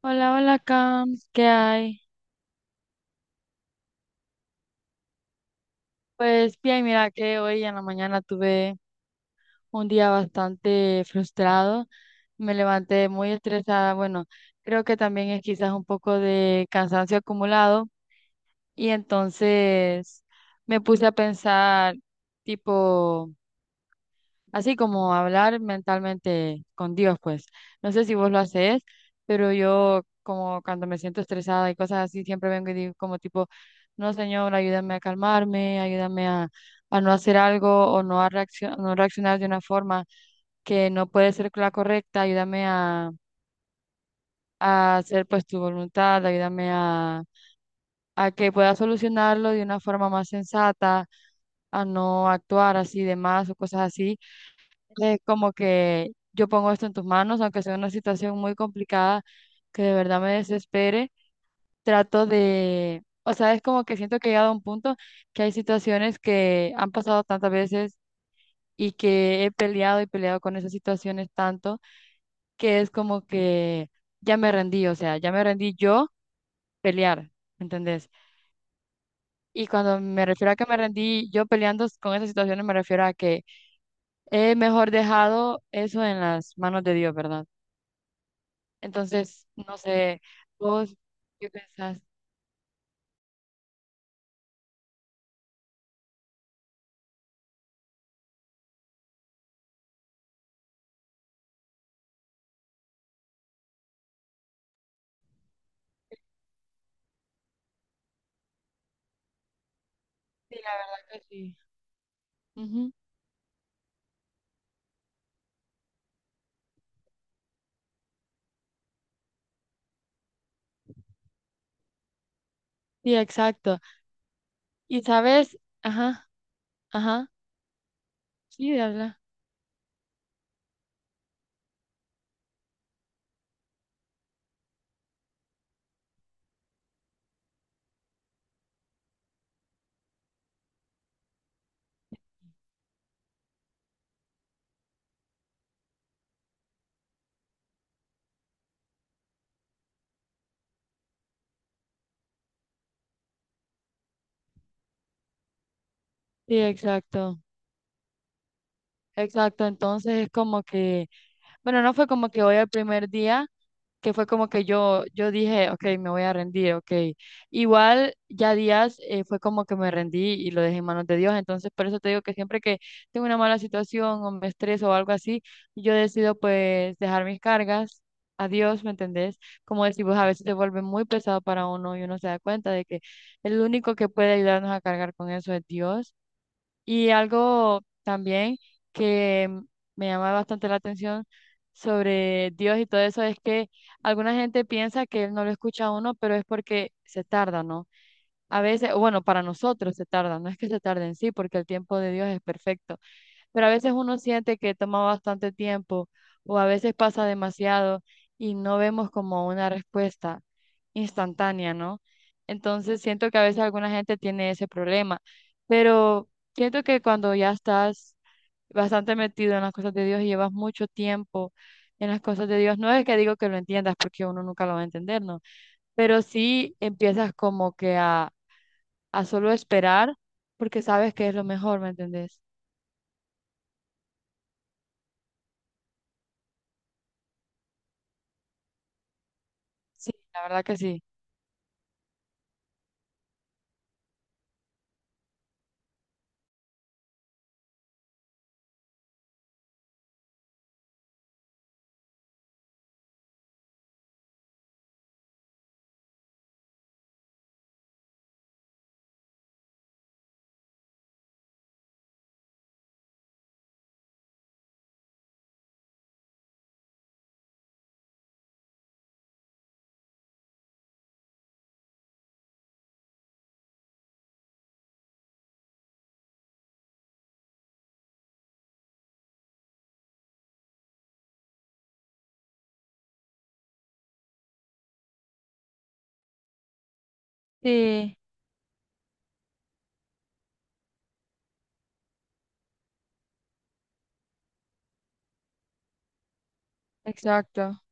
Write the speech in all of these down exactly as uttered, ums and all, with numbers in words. Hola, hola, Cam, ¿qué hay? Pues bien, mira que hoy en la mañana tuve un día bastante frustrado, me levanté muy estresada, bueno, creo que también es quizás un poco de cansancio acumulado y entonces me puse a pensar, tipo, así como hablar mentalmente con Dios, pues. No sé si vos lo haces, pero yo como cuando me siento estresada y cosas así, siempre vengo y digo como tipo, no, Señor, ayúdame a calmarme, ayúdame a, a no hacer algo o no a reaccio- no reaccionar de una forma que no puede ser la correcta, ayúdame a, a hacer pues tu voluntad, ayúdame a, a que pueda solucionarlo de una forma más sensata, a no actuar así de más o cosas así, eh, como que yo pongo esto en tus manos, aunque sea una situación muy complicada que de verdad me desespere, trato de, o sea, es como que siento que he llegado a un punto que hay situaciones que han pasado tantas veces y que he peleado y peleado con esas situaciones tanto que es como que ya me rendí, o sea, ya me rendí yo pelear, ¿entendés? Y cuando me refiero a que me rendí yo peleando con esas situaciones, me refiero a que he mejor dejado eso en las manos de Dios, ¿verdad? Entonces, no sé, vos, ¿qué pensás? Sí, la verdad que sí. Ujú. Sí, exacto. Y sabes, ajá, ajá, sí, de habla. Sí, exacto. Exacto, entonces es como que bueno, no fue como que hoy el primer día, que fue como que yo, yo dije, ok, me voy a rendir, ok. Igual ya días, eh, fue como que me rendí y lo dejé en manos de Dios. Entonces, por eso te digo que siempre que tengo una mala situación o me estreso o algo así, yo decido pues dejar mis cargas a Dios, ¿me entendés? Como decís, vos, a veces se vuelve muy pesado para uno y uno se da cuenta de que el único que puede ayudarnos a cargar con eso es Dios. Y algo también que m- me llama bastante la atención sobre Dios y todo eso es que alguna gente piensa que Él no lo escucha a uno, pero es porque se tarda, ¿no? A veces, o bueno, para nosotros se tarda, no es que se tarde en sí, porque el tiempo de Dios es perfecto, pero a veces uno siente que toma bastante tiempo o a veces pasa demasiado y no vemos como una respuesta instantánea, ¿no? Entonces siento que a veces alguna gente tiene ese problema, pero siento que cuando ya estás bastante metido en las cosas de Dios y llevas mucho tiempo en las cosas de Dios, no es que digo que lo entiendas porque uno nunca lo va a entender, ¿no? Pero sí empiezas como que a, a solo esperar porque sabes que es lo mejor, ¿me entendés? Sí, la verdad que sí. Sí, exacto,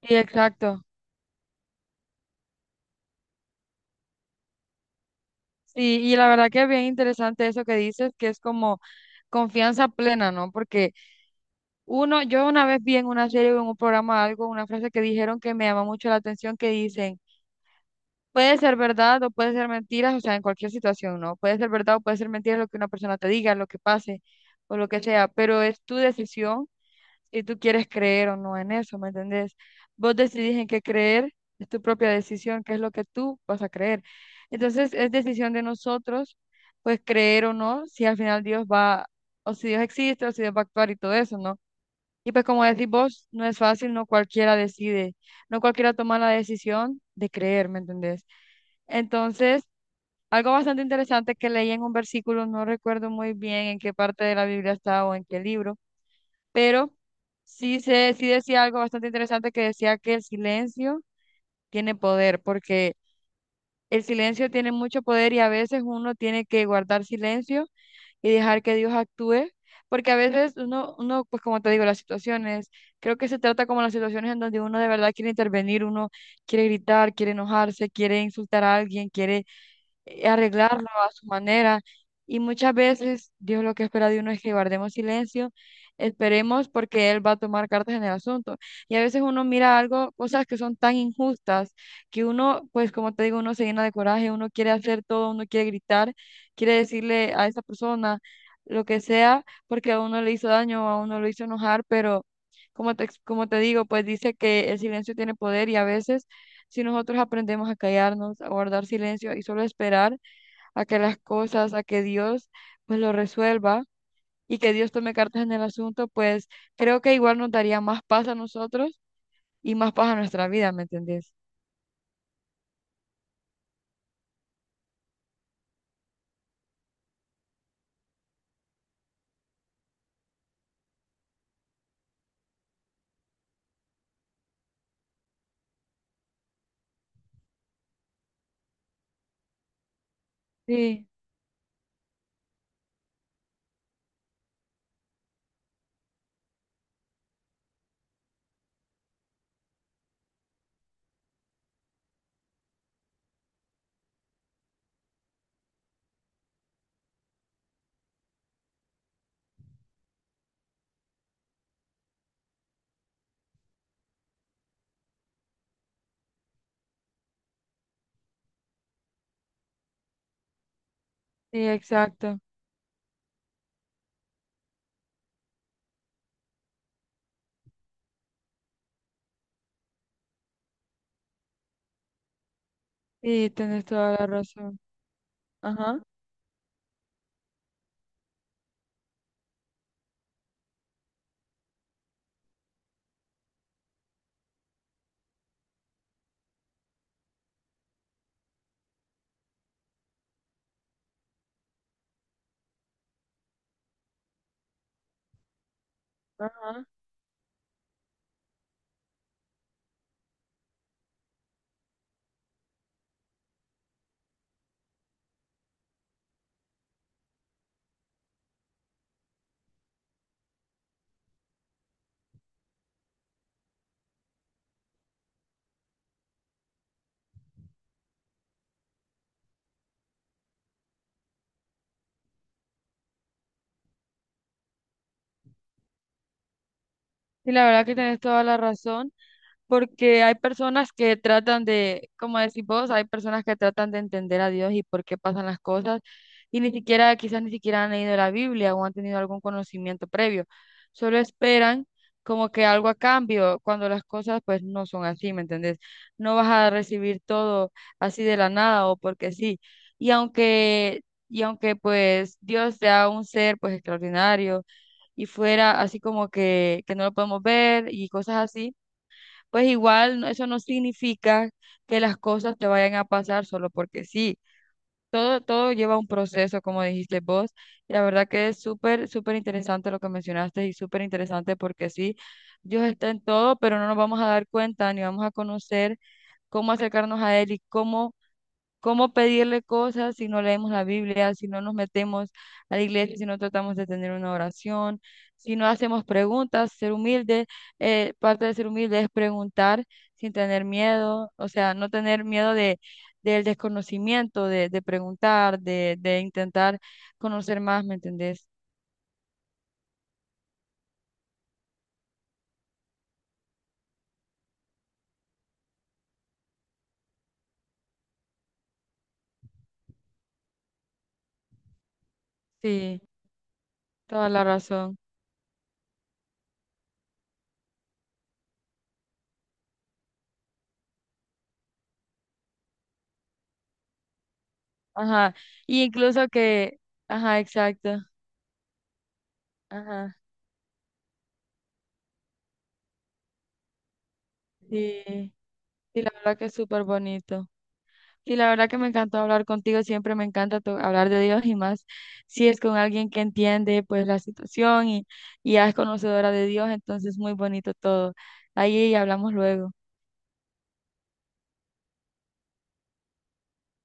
sí, exacto. Sí, y la verdad que es bien interesante eso que dices, que es como confianza plena, ¿no? Porque uno, yo una vez vi en una serie o en un programa algo, una frase que dijeron que me llama mucho la atención, que dicen, puede ser verdad o puede ser mentiras, o sea, en cualquier situación, ¿no? Puede ser verdad o puede ser mentira lo que una persona te diga, lo que pase o lo que sea, pero es tu decisión y tú quieres creer o no en eso, ¿me entendés? Vos decidís en qué creer, es tu propia decisión, qué es lo que tú vas a creer. Entonces es decisión de nosotros, pues creer o no, si al final Dios va, o si Dios existe, o si Dios va a actuar y todo eso, ¿no? Y pues como decís vos, no es fácil, no cualquiera decide, no cualquiera toma la decisión de creer, ¿me entendés? Entonces, algo bastante interesante que leí en un versículo, no recuerdo muy bien en qué parte de la Biblia está o en qué libro, pero sí, se, sí decía algo bastante interesante que decía que el silencio tiene poder, porque el silencio tiene mucho poder y a veces uno tiene que guardar silencio y dejar que Dios actúe, porque a veces uno, uno, pues como te digo, las situaciones, creo que se trata como las situaciones en donde uno de verdad quiere intervenir, uno quiere gritar, quiere enojarse, quiere insultar a alguien, quiere eh, arreglarlo a su manera. Y muchas veces Dios lo que espera de uno es que guardemos silencio, esperemos porque Él va a tomar cartas en el asunto. Y a veces uno mira algo, cosas que son tan injustas, que uno, pues como te digo, uno se llena de coraje, uno quiere hacer todo, uno quiere gritar, quiere decirle a esa persona lo que sea, porque a uno le hizo daño, a uno lo hizo enojar, pero como te, ex- como te digo, pues dice que el silencio tiene poder y a veces, si nosotros aprendemos a callarnos, a guardar silencio y solo esperar a que las cosas, a que Dios pues lo resuelva y que Dios tome cartas en el asunto, pues creo que igual nos daría más paz a nosotros y más paz a nuestra vida, ¿me entendés? Sí, sí, exacto. Sí, tenés toda la razón. Ajá, ajá. Sí, la verdad que tenés toda la razón. Porque hay personas que tratan de, como decís vos, hay personas que tratan de entender a Dios y por qué pasan las cosas y ni siquiera, quizás ni siquiera han leído la Biblia o han tenido algún conocimiento previo, solo esperan como que algo a cambio cuando las cosas pues no son así, ¿me entendés? No vas a recibir todo así de la nada o porque sí. Y aunque, y aunque pues Dios sea un ser pues extraordinario y fuera así como que, que no lo podemos ver y cosas así, pues igual no- eso no significa que las cosas te vayan a pasar solo porque sí. Todo, todo lleva un proceso, como dijiste vos. Y la verdad que es súper, súper interesante lo que mencionaste y súper interesante porque sí, Dios está en todo, pero no nos vamos a dar cuenta ni vamos a conocer cómo acercarnos a Él y cómo cómo pedirle cosas si no leemos la Biblia, si no nos metemos a la iglesia, si no tratamos de tener una oración, si no hacemos preguntas, ser humilde, eh, parte de ser humilde es preguntar sin tener miedo, o sea, no tener miedo de del desconocimiento, de, de preguntar, de, de intentar conocer más, ¿me entendés? Sí, toda la razón. Ajá, y incluso que, ajá, exacto, ajá, sí, sí, la verdad que es súper bonito. Sí, la verdad que me encantó hablar contigo, siempre me encanta to- hablar de Dios y más si es con alguien que entiende pues la situación y, y ya es conocedora de Dios, entonces muy bonito todo. Ahí hablamos luego.